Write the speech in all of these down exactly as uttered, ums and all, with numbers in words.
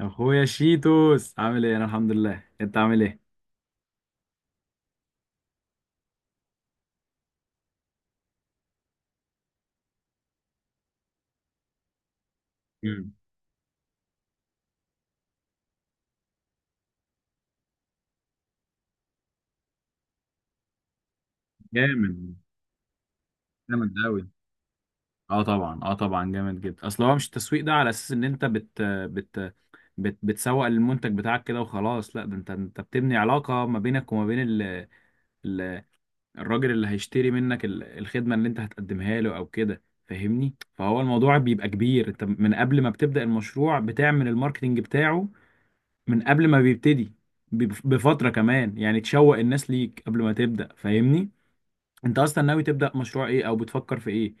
اخويا شيتوس عامل ايه؟ انا الحمد لله. انت عامل ايه؟ مم. جامد. جامد قوي. اه طبعا اه طبعا جامد جدا. اصل هو مش التسويق ده على اساس ان انت بت بت, بت بتسوق المنتج بتاعك كده وخلاص. لا، ده انت انت بتبني علاقة ما بينك وما بين ال... ال... الراجل اللي هيشتري منك ال... الخدمة اللي انت هتقدمها له او كده، فاهمني؟ فهو الموضوع بيبقى كبير. انت من قبل ما بتبدأ المشروع بتعمل الماركتينج بتاعه، من قبل ما بيبتدي بف- بفترة كمان، يعني تشوق الناس ليك قبل ما تبدأ. فاهمني؟ انت اصلا ناوي تبدأ مشروع ايه او بتفكر في ايه؟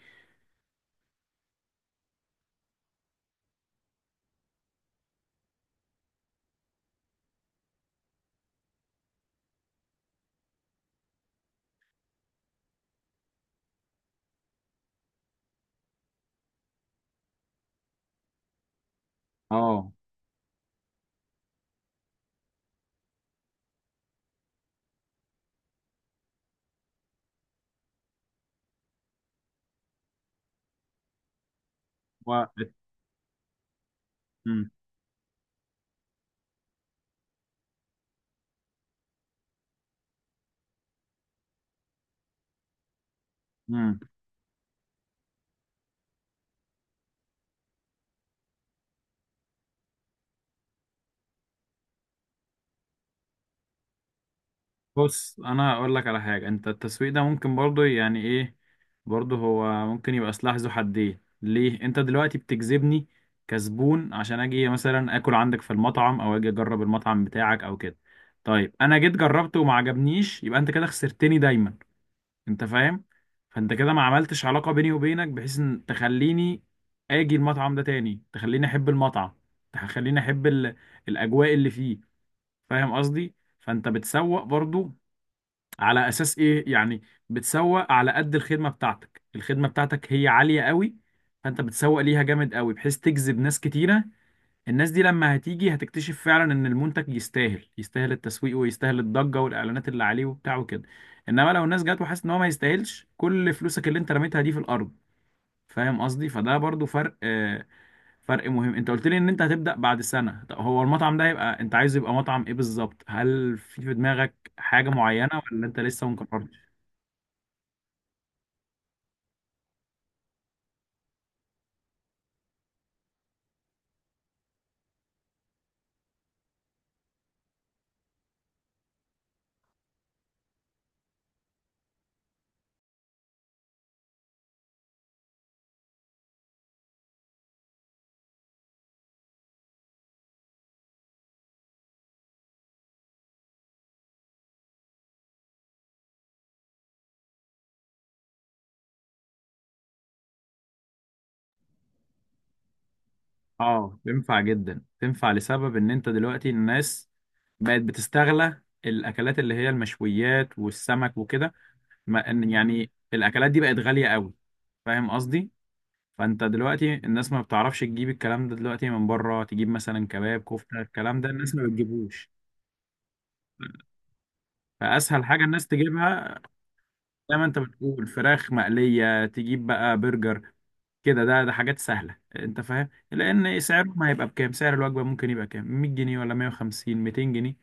اه. و... مم. مم. بص انا اقول لك على حاجة. انت التسويق ده ممكن برضه، يعني ايه، برضه هو ممكن يبقى سلاح ذو حدين. ليه؟ انت دلوقتي بتجذبني كزبون عشان اجي مثلا اكل عندك في المطعم او اجي اجرب المطعم بتاعك او كده. طيب انا جيت جربته وما عجبنيش، يبقى انت كده خسرتني دايما. انت فاهم؟ فانت كده ما عملتش علاقة بيني وبينك بحيث ان تخليني اجي المطعم ده تاني، تخليني احب المطعم، تخليني احب ال... الاجواء اللي فيه. فاهم قصدي؟ فانت بتسوق برضو على اساس ايه يعني. بتسوق على قد الخدمة بتاعتك. الخدمة بتاعتك هي عالية قوي، فانت بتسوق ليها جامد قوي بحيث تجذب ناس كتيرة. الناس دي لما هتيجي هتكتشف فعلا ان المنتج يستاهل، يستاهل التسويق ويستاهل الضجة والاعلانات اللي عليه وبتاع وكده. انما لو الناس جت وحاسه ان هو ما يستاهلش، كل فلوسك اللي انت رميتها دي في الارض. فاهم قصدي؟ فده برضو فرق، آه، فرق مهم. انت قلت لي ان انت هتبدأ بعد سنة، طب هو المطعم ده يبقى انت عايزه يبقى مطعم ايه بالظبط؟ هل في في دماغك حاجة معينة ولا انت لسه مقررتش؟ اه، تنفع جدا. تنفع لسبب ان انت دلوقتي الناس بقت بتستغلى الاكلات اللي هي المشويات والسمك وكده. ما إن- يعني الاكلات دي بقت غاليه قوي. فاهم قصدي؟ فانت دلوقتي الناس ما بتعرفش تجيب الكلام ده دلوقتي من بره، تجيب مثلا كباب كفته، الكلام ده الناس ما بتجيبوش. فاسهل حاجه الناس تجيبها، زي ما انت بتقول، فراخ مقليه، تجيب بقى برجر كده. ده ده حاجات سهله انت فاهم، لان سعرهم هيبقى بكام؟ سعر الوجبه ممكن يبقى كام، مية جنيه ولا مية وخمسين مائتين جنيه؟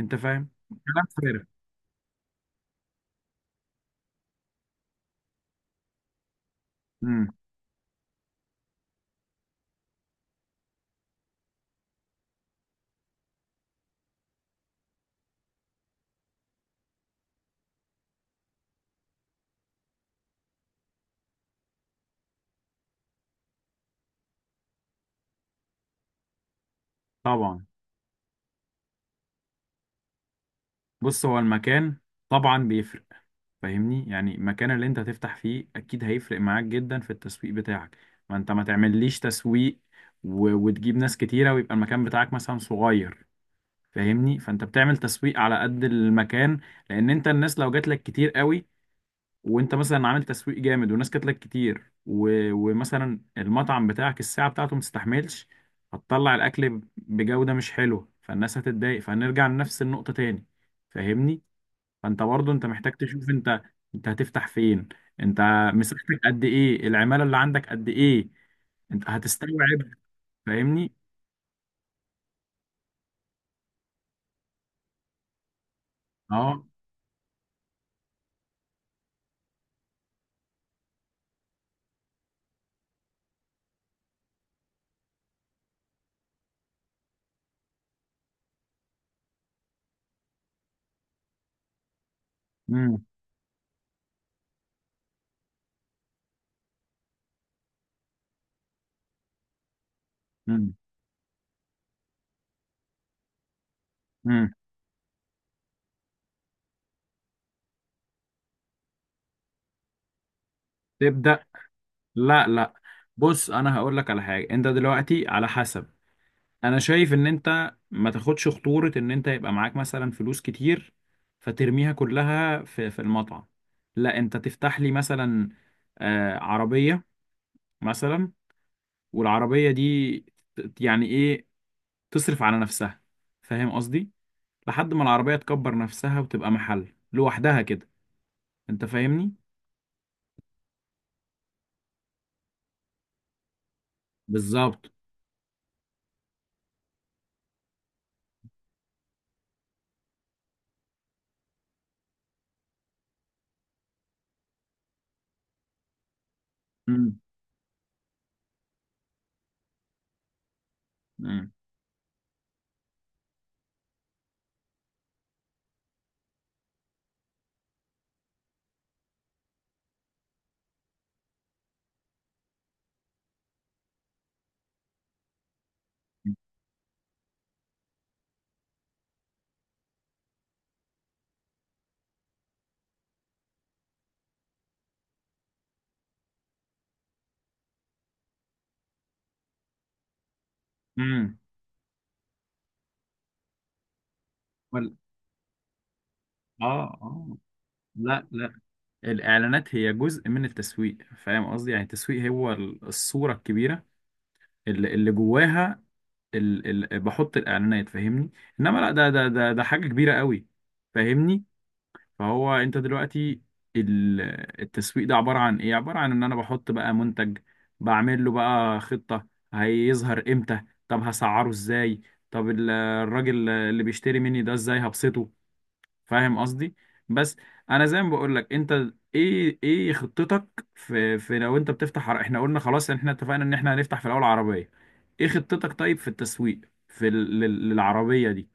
انت فاهم؟ كلام فارغ. امم طبعا. بص هو المكان طبعا بيفرق. فاهمني؟ يعني المكان اللي انت هتفتح فيه اكيد هيفرق معاك جدا في التسويق بتاعك. ما انت ما تعمليش تسويق و... وتجيب ناس كتيرة ويبقى المكان بتاعك مثلا صغير. فاهمني؟ فانت بتعمل تسويق على قد المكان. لان انت الناس لو جات لك كتير قوي، وانت مثلا عامل تسويق جامد والناس جات لك كتير، و... ومثلا المطعم بتاعك الساعة بتاعته ما تستحملش، هتطلع الاكل بجودة مش حلوة، فالناس هتتضايق، فهنرجع لنفس النقطة تاني. فاهمني؟ فانت برضه انت محتاج تشوف انت، انت هتفتح فين؟ انت مساحتك قد ايه؟ العمالة اللي عندك قد ايه؟ انت هتستوعب؟ فاهمني؟ اه. امم امم امم تبدأ. لا لا، بص انا هقول لك على حاجة. انت دلوقتي على حسب، انا شايف ان انت ما تاخدش خطورة ان انت يبقى معاك مثلا فلوس كتير فترميها كلها في في المطعم. لا، انت تفتح لي مثلا آه عربية مثلا، والعربية دي ت- يعني ايه، تصرف على نفسها. فاهم قصدي؟ لحد ما العربية تكبر نفسها وتبقى محل لوحدها كده. انت فاهمني؟ بالظبط. امم امم امم وال... اه اه. لا لا، الاعلانات هي جزء من التسويق. فاهم قصدي؟ يعني التسويق هو ال- الصورة الكبيرة اللي, اللي جواها، ال... ال... بحط الاعلانات. فاهمني؟ انما لا، ده ده ده ده حاجة كبيرة قوي. فاهمني؟ فهو انت دلوقتي ال- التسويق ده عبارة عن ايه؟ عبارة عن ان انا بحط بقى منتج، بعمل له بقى خطة، هيظهر امتى، طب هسعره ازاي، طب ال- الراجل اللي بيشتري مني ده ازاي هبسطه. فاهم قصدي؟ بس انا زي ما بقول لك، انت ايه ايه خطتك في, في لو انت بتفتح عر- احنا قلنا خلاص ان احنا اتفقنا ان احنا هنفتح في الاول عربية. ايه خطتك طيب في التسويق في ال- لل- للعربية دي؟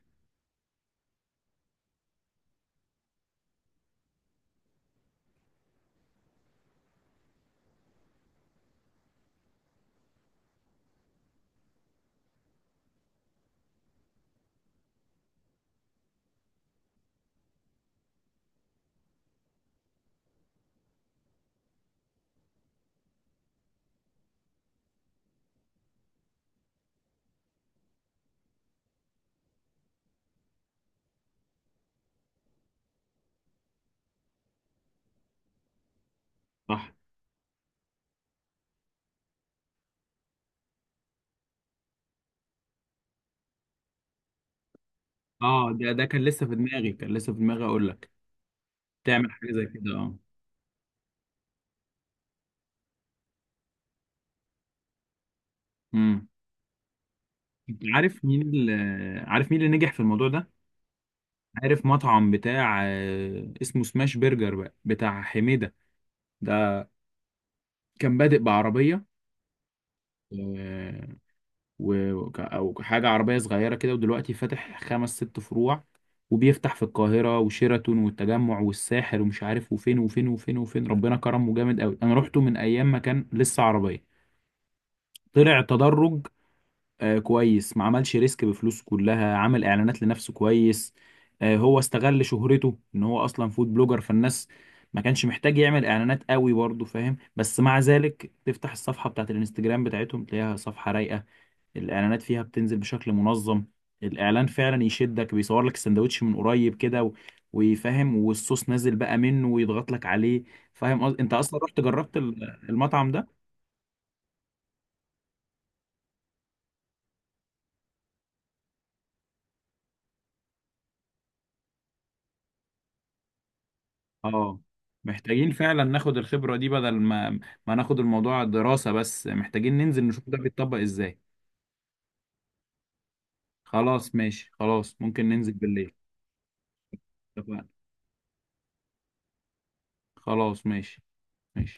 صح. اه، ده ده كان لسه في دماغي، كان لسه في دماغي اقول لك تعمل حاجه زي كده. اه. امم انت عارف مين اللي، عارف مين اللي نجح في الموضوع ده؟ عارف مطعم بتاع آه، اسمه سماش برجر بقى بتاع حميدة؟ ده كان بادئ بعربية. آه، و- وك- او حاجة عربية صغيرة كده، ودلوقتي فاتح خمس ست فروع، وبيفتح في القاهرة وشيراتون والتجمع والساحل ومش عارف وفين وفين وفين وفين. ربنا كرمه جامد قوي. انا روحته من ايام ما كان لسه عربية. طلع تدرج. آه، كويس. ما عملش ريسك بفلوسه كلها، عمل اعلانات لنفسه كويس. آه، هو استغل شهرته ان هو اصلا فود بلوجر، فالناس ما كانش محتاج يعمل اعلانات قوي برضه. فاهم؟ بس مع ذلك تفتح الصفحة بتاعت الانستجرام بتاعتهم تلاقيها صفحة رايقة، الاعلانات فيها بتنزل بشكل منظم، الاعلان فعلا يشدك، بيصور لك السندوتش من قريب كده و- ويفهم، والصوص نازل بقى منه ويضغط لك عليه. فاهم قصد- انت اصلا رحت جربت ال- المطعم ده؟ اه، محتاجين فعلا ناخد الخبرة دي، بدل ما ما ناخد الموضوع دراسة بس، محتاجين ننزل نشوف ده بيتطبق ازاي. خلاص ماشي. خلاص ممكن ننزل بالليل. اتفقنا. خلاص ماشي. ماشي.